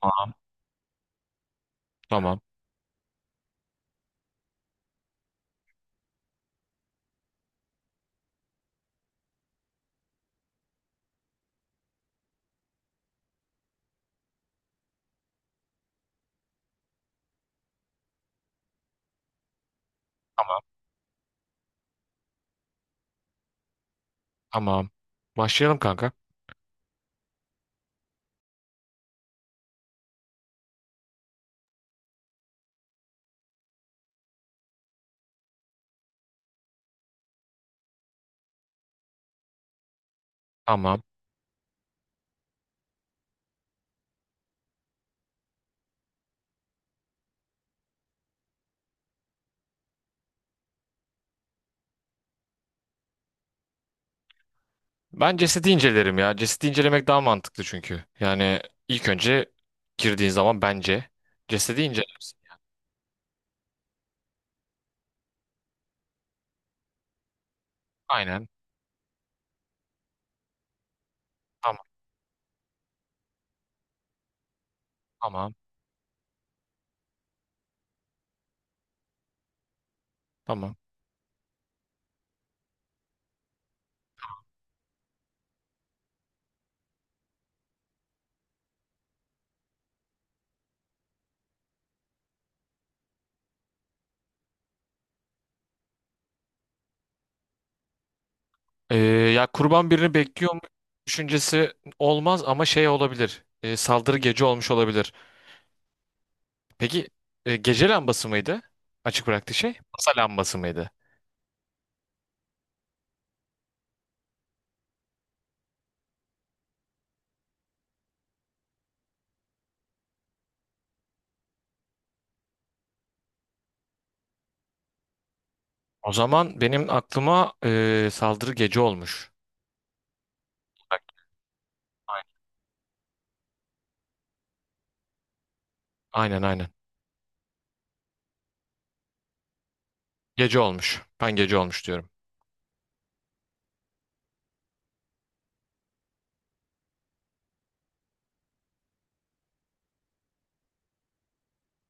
Tamam, tamam, tamam, tamam. Başlayalım kanka. Tamam. Ben cesedi incelerim ya. Cesedi incelemek daha mantıklı çünkü. Yani ilk önce girdiğin zaman bence cesedi incelersin. Aynen. Tamam, tamam, tamam. Ee, Ya kurban birini bekliyor mu düşüncesi olmaz ama şey olabilir. Saldırı gece olmuş olabilir. Peki gece lambası mıydı? Açık bıraktığı şey. Masa lambası mıydı? O zaman benim aklıma saldırı gece olmuş. Bak, aynen, aynen, aynen. Gece olmuş. Ben gece olmuş diyorum.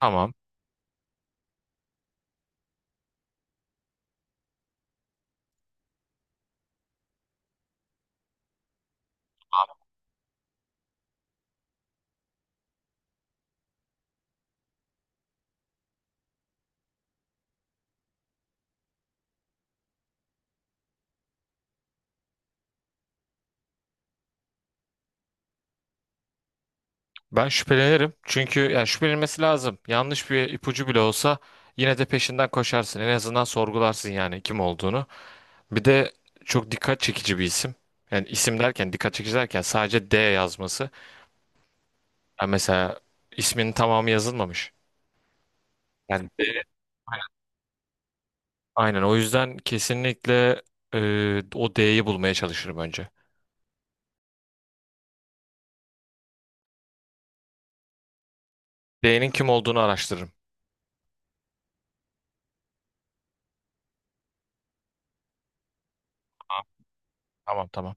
Tamam. Ben şüphelenirim. Çünkü yani şüphelenilmesi lazım. Yanlış bir ipucu bile olsa yine de peşinden koşarsın. En azından sorgularsın yani kim olduğunu. Bir de çok dikkat çekici bir isim. Yani isim derken dikkat çekici derken sadece D yazması. Yani mesela isminin tamamı yazılmamış. Yani D. Aynen, o yüzden kesinlikle o D'yi bulmaya çalışırım önce. D'nin kim olduğunu araştırırım. Tamam tamam. Tamam.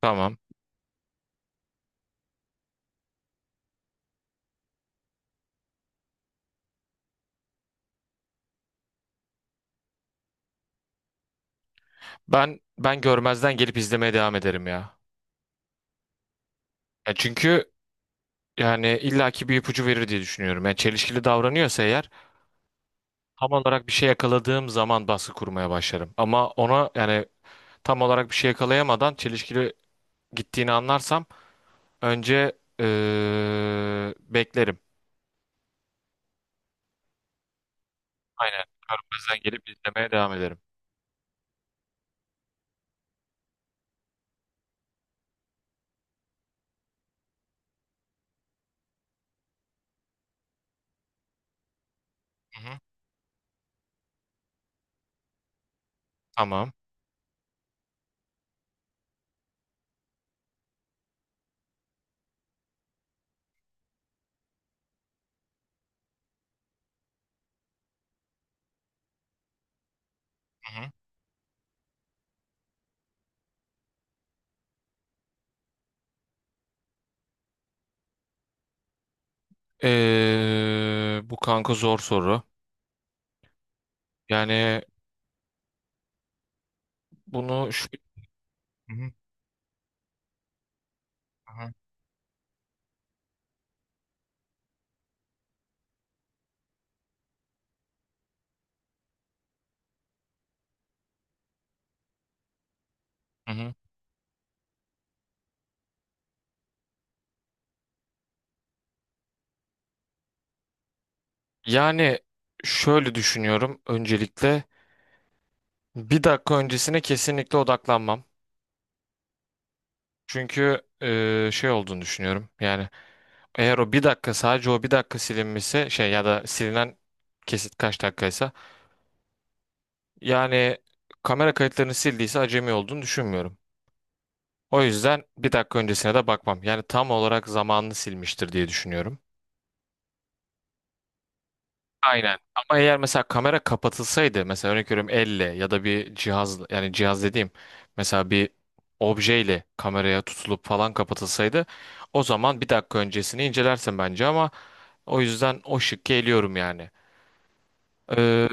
Tamam. Ben görmezden gelip izlemeye devam ederim ya. Ya çünkü yani illaki bir ipucu verir diye düşünüyorum. Yani çelişkili davranıyorsa eğer tam olarak bir şey yakaladığım zaman baskı kurmaya başlarım. Ama ona yani tam olarak bir şey yakalayamadan çelişkili gittiğini anlarsam önce beklerim. Aynen. Görmezden gelip izlemeye devam ederim. Hı hı. Tamam. Hı hı. Bu kanka zor soru. Yani bunu şu... Hı hı. Hı hı. Hı hı. Yani şöyle düşünüyorum öncelikle. Bir dakika öncesine kesinlikle odaklanmam. Çünkü şey olduğunu düşünüyorum. Yani eğer o bir dakika, sadece o bir dakika silinmişse şey ya da silinen kesit kaç dakikaysa yani kamera kayıtlarını sildiyse acemi olduğunu düşünmüyorum. O yüzden bir dakika öncesine de bakmam. Yani tam olarak zamanını silmiştir diye düşünüyorum. Aynen. Ama eğer mesela kamera kapatılsaydı, mesela örnek veriyorum, elle ya da bir cihaz, yani cihaz dediğim mesela bir objeyle kameraya tutulup falan kapatılsaydı, o zaman bir dakika öncesini incelersin bence ama o yüzden o şıkkı eliyorum yani. Ee,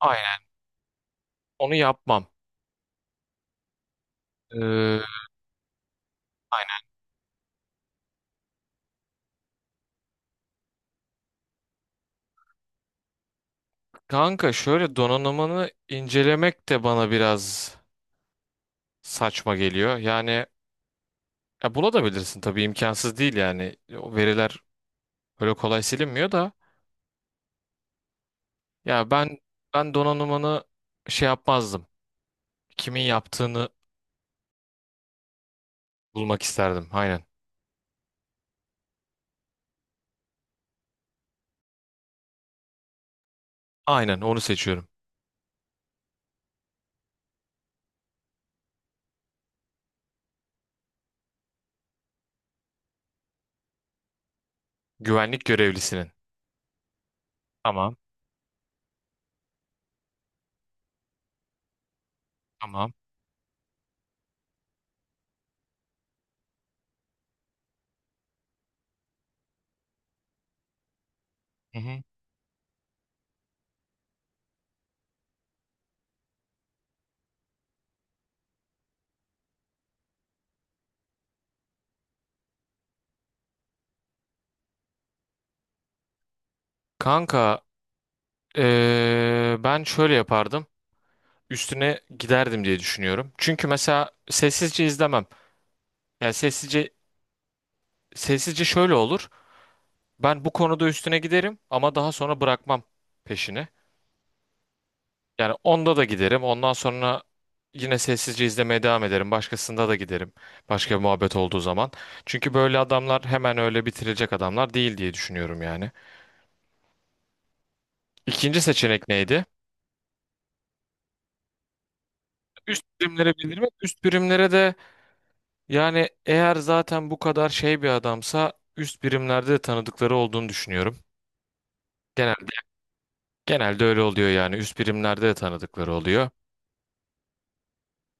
aynen. Onu yapmam. Ee, aynen. Kanka şöyle, donanımını incelemek de bana biraz saçma geliyor. Yani ya bulabilirsin tabii, imkansız değil yani. O veriler öyle kolay silinmiyor da. Ya ben donanımını şey yapmazdım. Kimin yaptığını bulmak isterdim. Aynen. Aynen, onu seçiyorum. Güvenlik görevlisinin. Tamam. Tamam. Hı hı. Kanka ben şöyle yapardım. Üstüne giderdim diye düşünüyorum. Çünkü mesela sessizce izlemem. Yani sessizce şöyle olur. Ben bu konuda üstüne giderim ama daha sonra bırakmam peşini. Yani onda da giderim. Ondan sonra yine sessizce izlemeye devam ederim. Başkasında da giderim. Başka bir muhabbet olduğu zaman. Çünkü böyle adamlar hemen öyle bitirilecek adamlar değil diye düşünüyorum yani. İkinci seçenek neydi? Üst birimlere bildirmek. Üst birimlere de, yani eğer zaten bu kadar şey bir adamsa üst birimlerde de tanıdıkları olduğunu düşünüyorum. Genelde genelde öyle oluyor yani. Üst birimlerde de tanıdıkları oluyor.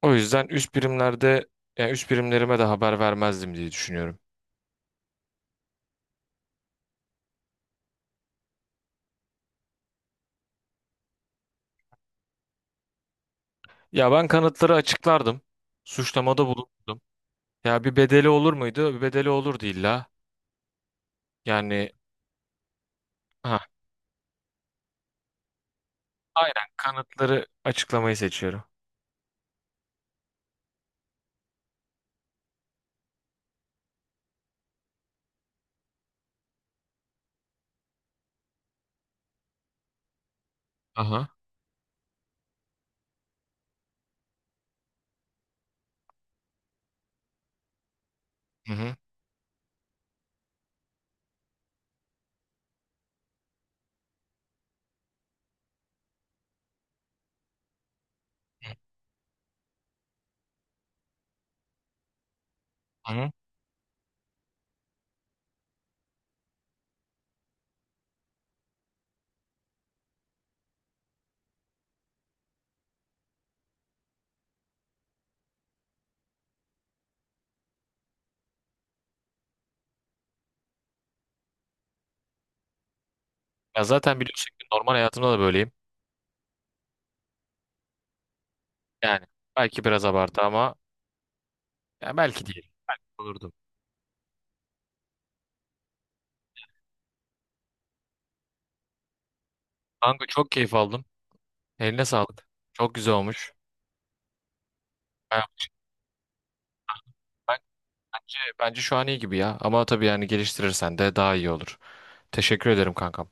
O yüzden üst birimlerde, yani üst birimlerime de haber vermezdim diye düşünüyorum. Ya ben kanıtları açıklardım. Suçlamada bulundum. Ya bir bedeli olur muydu? Bir bedeli olurdu illa. Yani ha aynen, kanıtları açıklamayı seçiyorum. Aha. Hı hı. Hı hı. Ya zaten biliyorsun ki normal hayatımda da böyleyim. Yani belki biraz abartı ama ya, belki değil. Olurdum. Kanka çok keyif aldım. Eline sağlık. Çok güzel olmuş. Ben, ben- bence şu an iyi gibi ya. Ama tabii yani geliştirirsen de daha iyi olur. Teşekkür ederim kankam.